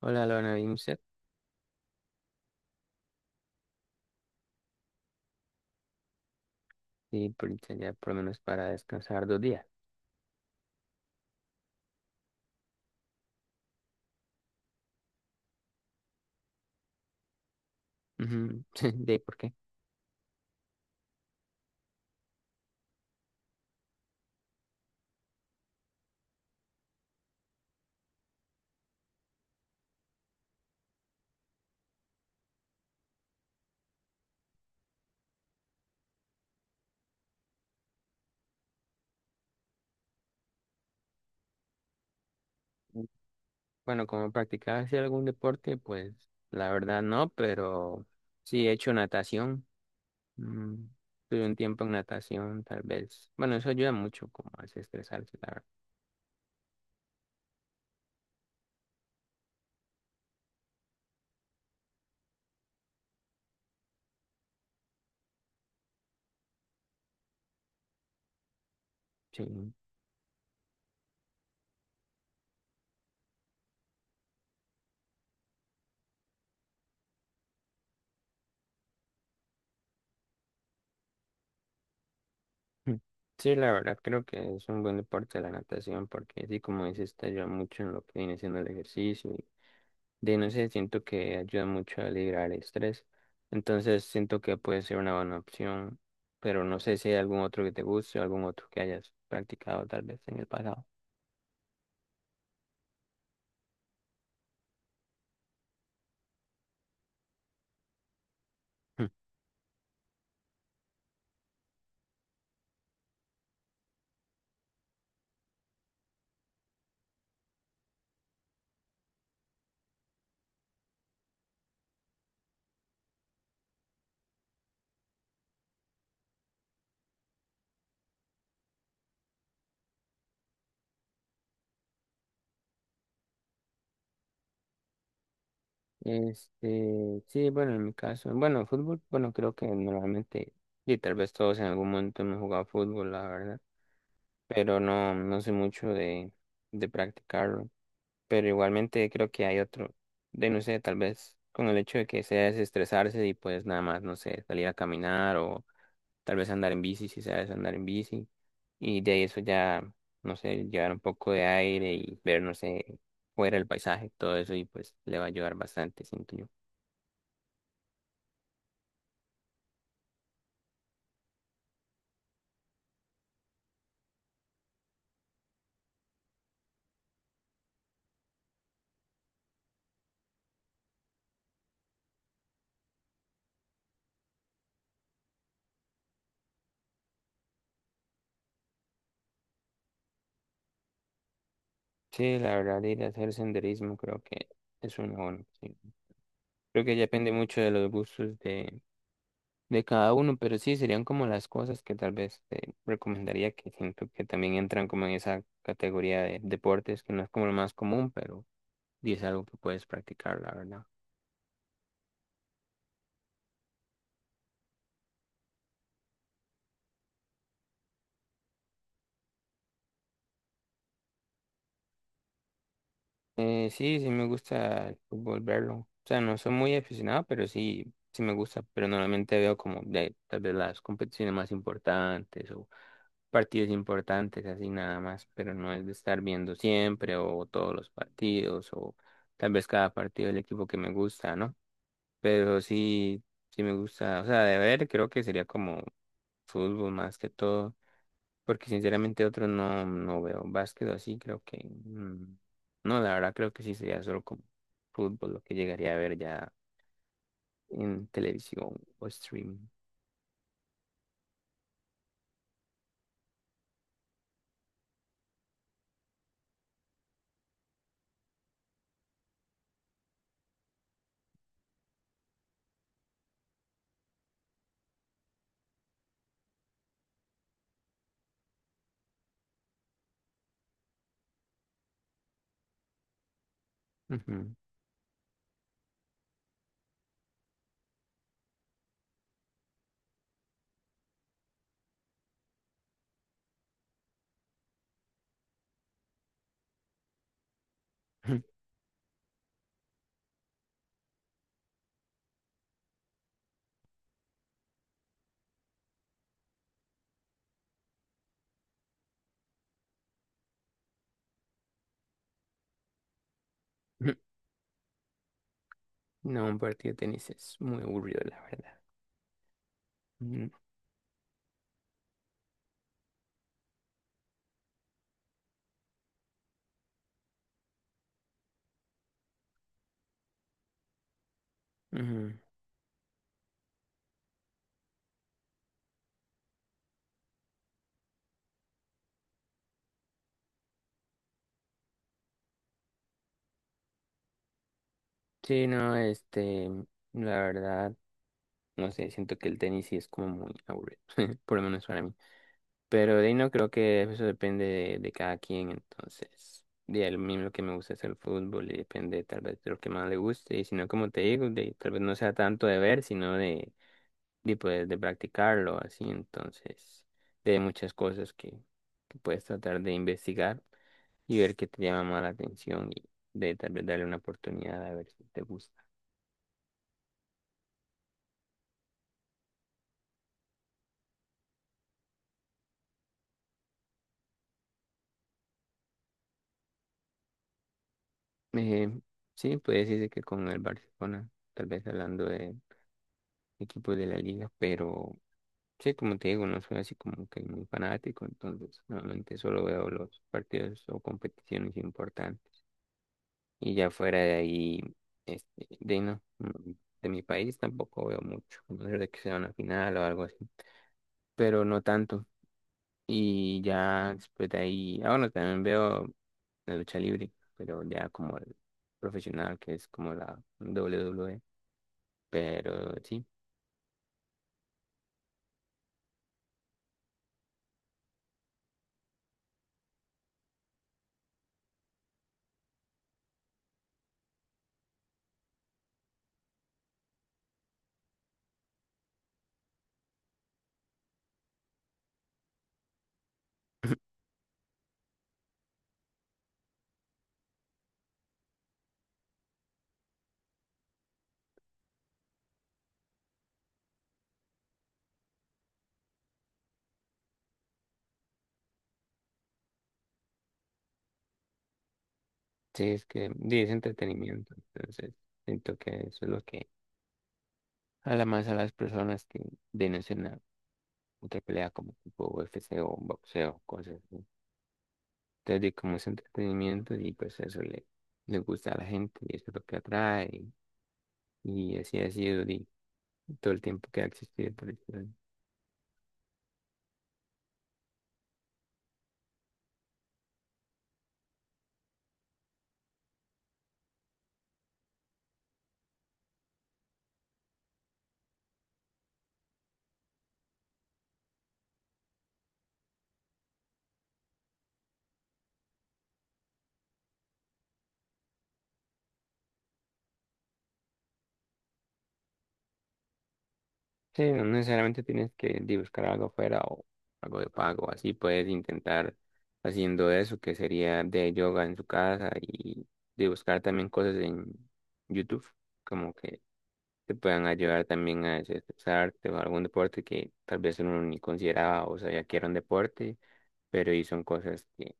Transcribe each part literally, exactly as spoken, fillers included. Hola, Lorna Bimset. Y por- sería por lo menos para descansar dos días. Ujú. ¿De por qué? Bueno, como practicaba así algún deporte, pues la verdad no, pero sí he hecho natación. Mm, Tuve un tiempo en natación, tal vez. Bueno, eso ayuda mucho como a desestresarse, la verdad. Sí. Mm. Sí, la verdad creo que es un buen deporte la natación porque sí, como dices, te ayuda mucho en lo que viene siendo el ejercicio de no sé, siento que ayuda mucho a liberar el estrés. Entonces siento que puede ser una buena opción, pero no sé si hay algún otro que te guste o algún otro que hayas practicado tal vez en el pasado. Este, sí, bueno, en mi caso, bueno, fútbol, bueno, creo que normalmente, y tal vez todos en algún momento hemos jugado fútbol, la verdad, pero no, no sé mucho de, de practicarlo, pero igualmente creo que hay otro, de no sé, tal vez con el hecho de que sea desestresarse y pues nada más, no sé, salir a caminar o tal vez andar en bici, si sabes andar en bici, y de eso ya, no sé, llevar un poco de aire y ver, no sé, fuera el paisaje, todo eso, y pues le va a ayudar bastante, siento yo. Sí, la verdad, ir a hacer senderismo creo que es una buena opción. Creo que ya depende mucho de los gustos de, de cada uno, pero sí, serían como las cosas que tal vez te recomendaría, que siento que también entran como en esa categoría de deportes, que no es como lo más común, pero y es algo que puedes practicar, la verdad. Eh, sí, sí me gusta el fútbol verlo. O sea, no soy muy aficionado, pero sí, sí me gusta. Pero normalmente veo como de tal vez las competiciones más importantes o partidos importantes, así nada más. Pero no es de estar viendo siempre o todos los partidos o tal vez cada partido del equipo que me gusta, ¿no? Pero sí, sí me gusta. O sea, de ver creo que sería como fútbol más que todo. Porque sinceramente otro no, no veo básquet o así. Creo que mm, no, la verdad creo que sí sería solo como fútbol lo que llegaría a ver ya en televisión o streaming. Ujú. No, un partido de tenis es muy aburrido, la verdad. Ujú, ujú. Sí, no, este, la verdad, no sé, siento que el tenis sí es como muy aburrido, por lo menos para mí. Pero de ahí no creo que eso depende de, de cada quien, entonces, de a mismo lo que me gusta es el fútbol y depende tal vez de lo que más le guste, y si no, como te digo, de, tal vez no sea tanto de ver, sino de, de poder de practicarlo, así, entonces, de muchas cosas que, que puedes tratar de investigar y ver qué te llama más la atención y de tal vez darle una oportunidad a ver si te gusta. Eh, sí, puede decirse que con el Barcelona, tal vez hablando de equipos de la liga, pero. Sí, como te digo, no soy así como que muy fanático, entonces normalmente solo veo los partidos o competiciones importantes. Y ya fuera de ahí, este, de, ahí no, mm, de mi país tampoco veo mucho, a no ser de que sea una final o algo así, pero no tanto. Y ya después de ahí, ah, bueno, también veo la lucha libre, pero ya como el profesional, que es como la W W E, pero sí, sí, es que sí, es entretenimiento, entonces siento que eso es lo que, además, a las personas que denuncian a otra pelea como tipo U f c o boxeo, cosas así. Entonces, di, como es entretenimiento y pues eso le, le gusta a la gente y eso es lo que atrae y así ha sido di, todo el tiempo que ha existido. Por decirlo así. Sí, no necesariamente tienes que di, buscar algo afuera o algo de pago, así puedes intentar haciendo eso que sería de yoga en su casa y de buscar también cosas en YouTube como que te puedan ayudar también a desestresarte o algún deporte que tal vez uno ni consideraba o sabía que era un deporte, pero y son cosas que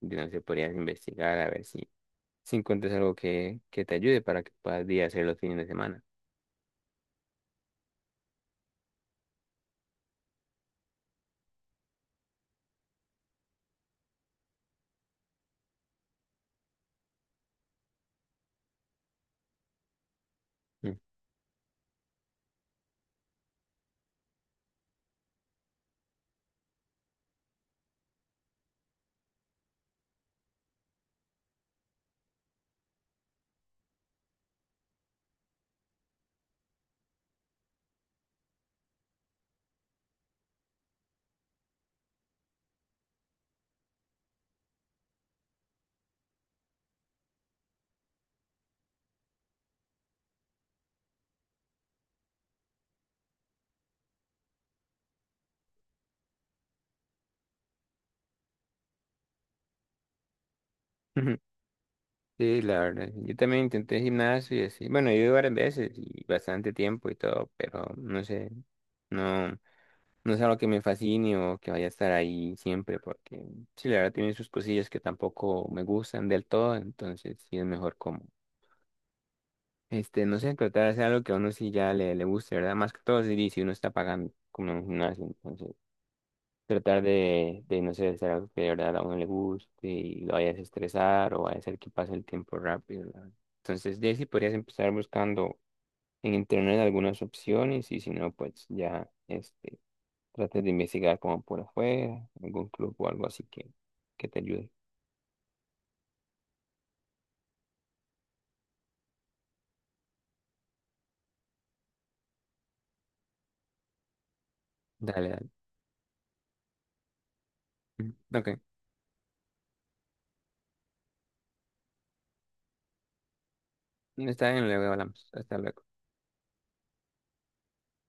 de no se podrías investigar a ver si, si encuentras algo que, que te ayude para que puedas día hacer los fines de semana. Mm. Sí, la verdad. Yo también intenté gimnasio y así. Bueno, yo iba varias veces y bastante tiempo y todo, pero no sé, no. No es algo que me fascine o que vaya a estar ahí siempre, porque sí, la verdad tiene sus cosillas que tampoco me gustan del todo, entonces sí es mejor como, este, no sé, tratar de hacer algo que a uno sí ya le, le guste, ¿verdad? Más que todo sí, si uno está pagando como en un gimnasio, entonces tratar de, de, no sé, hacer algo que de verdad a uno le guste y lo vaya a desestresar o vaya a hacer que pase el tiempo rápido, ¿verdad? Entonces, de ahí sí podrías empezar buscando en internet algunas opciones y si no, pues ya, este trate de investigar como por afuera, algún club o algo así que, que te ayude. Dale, dale. Mm, ok. Está bien, luego hablamos. Hasta luego.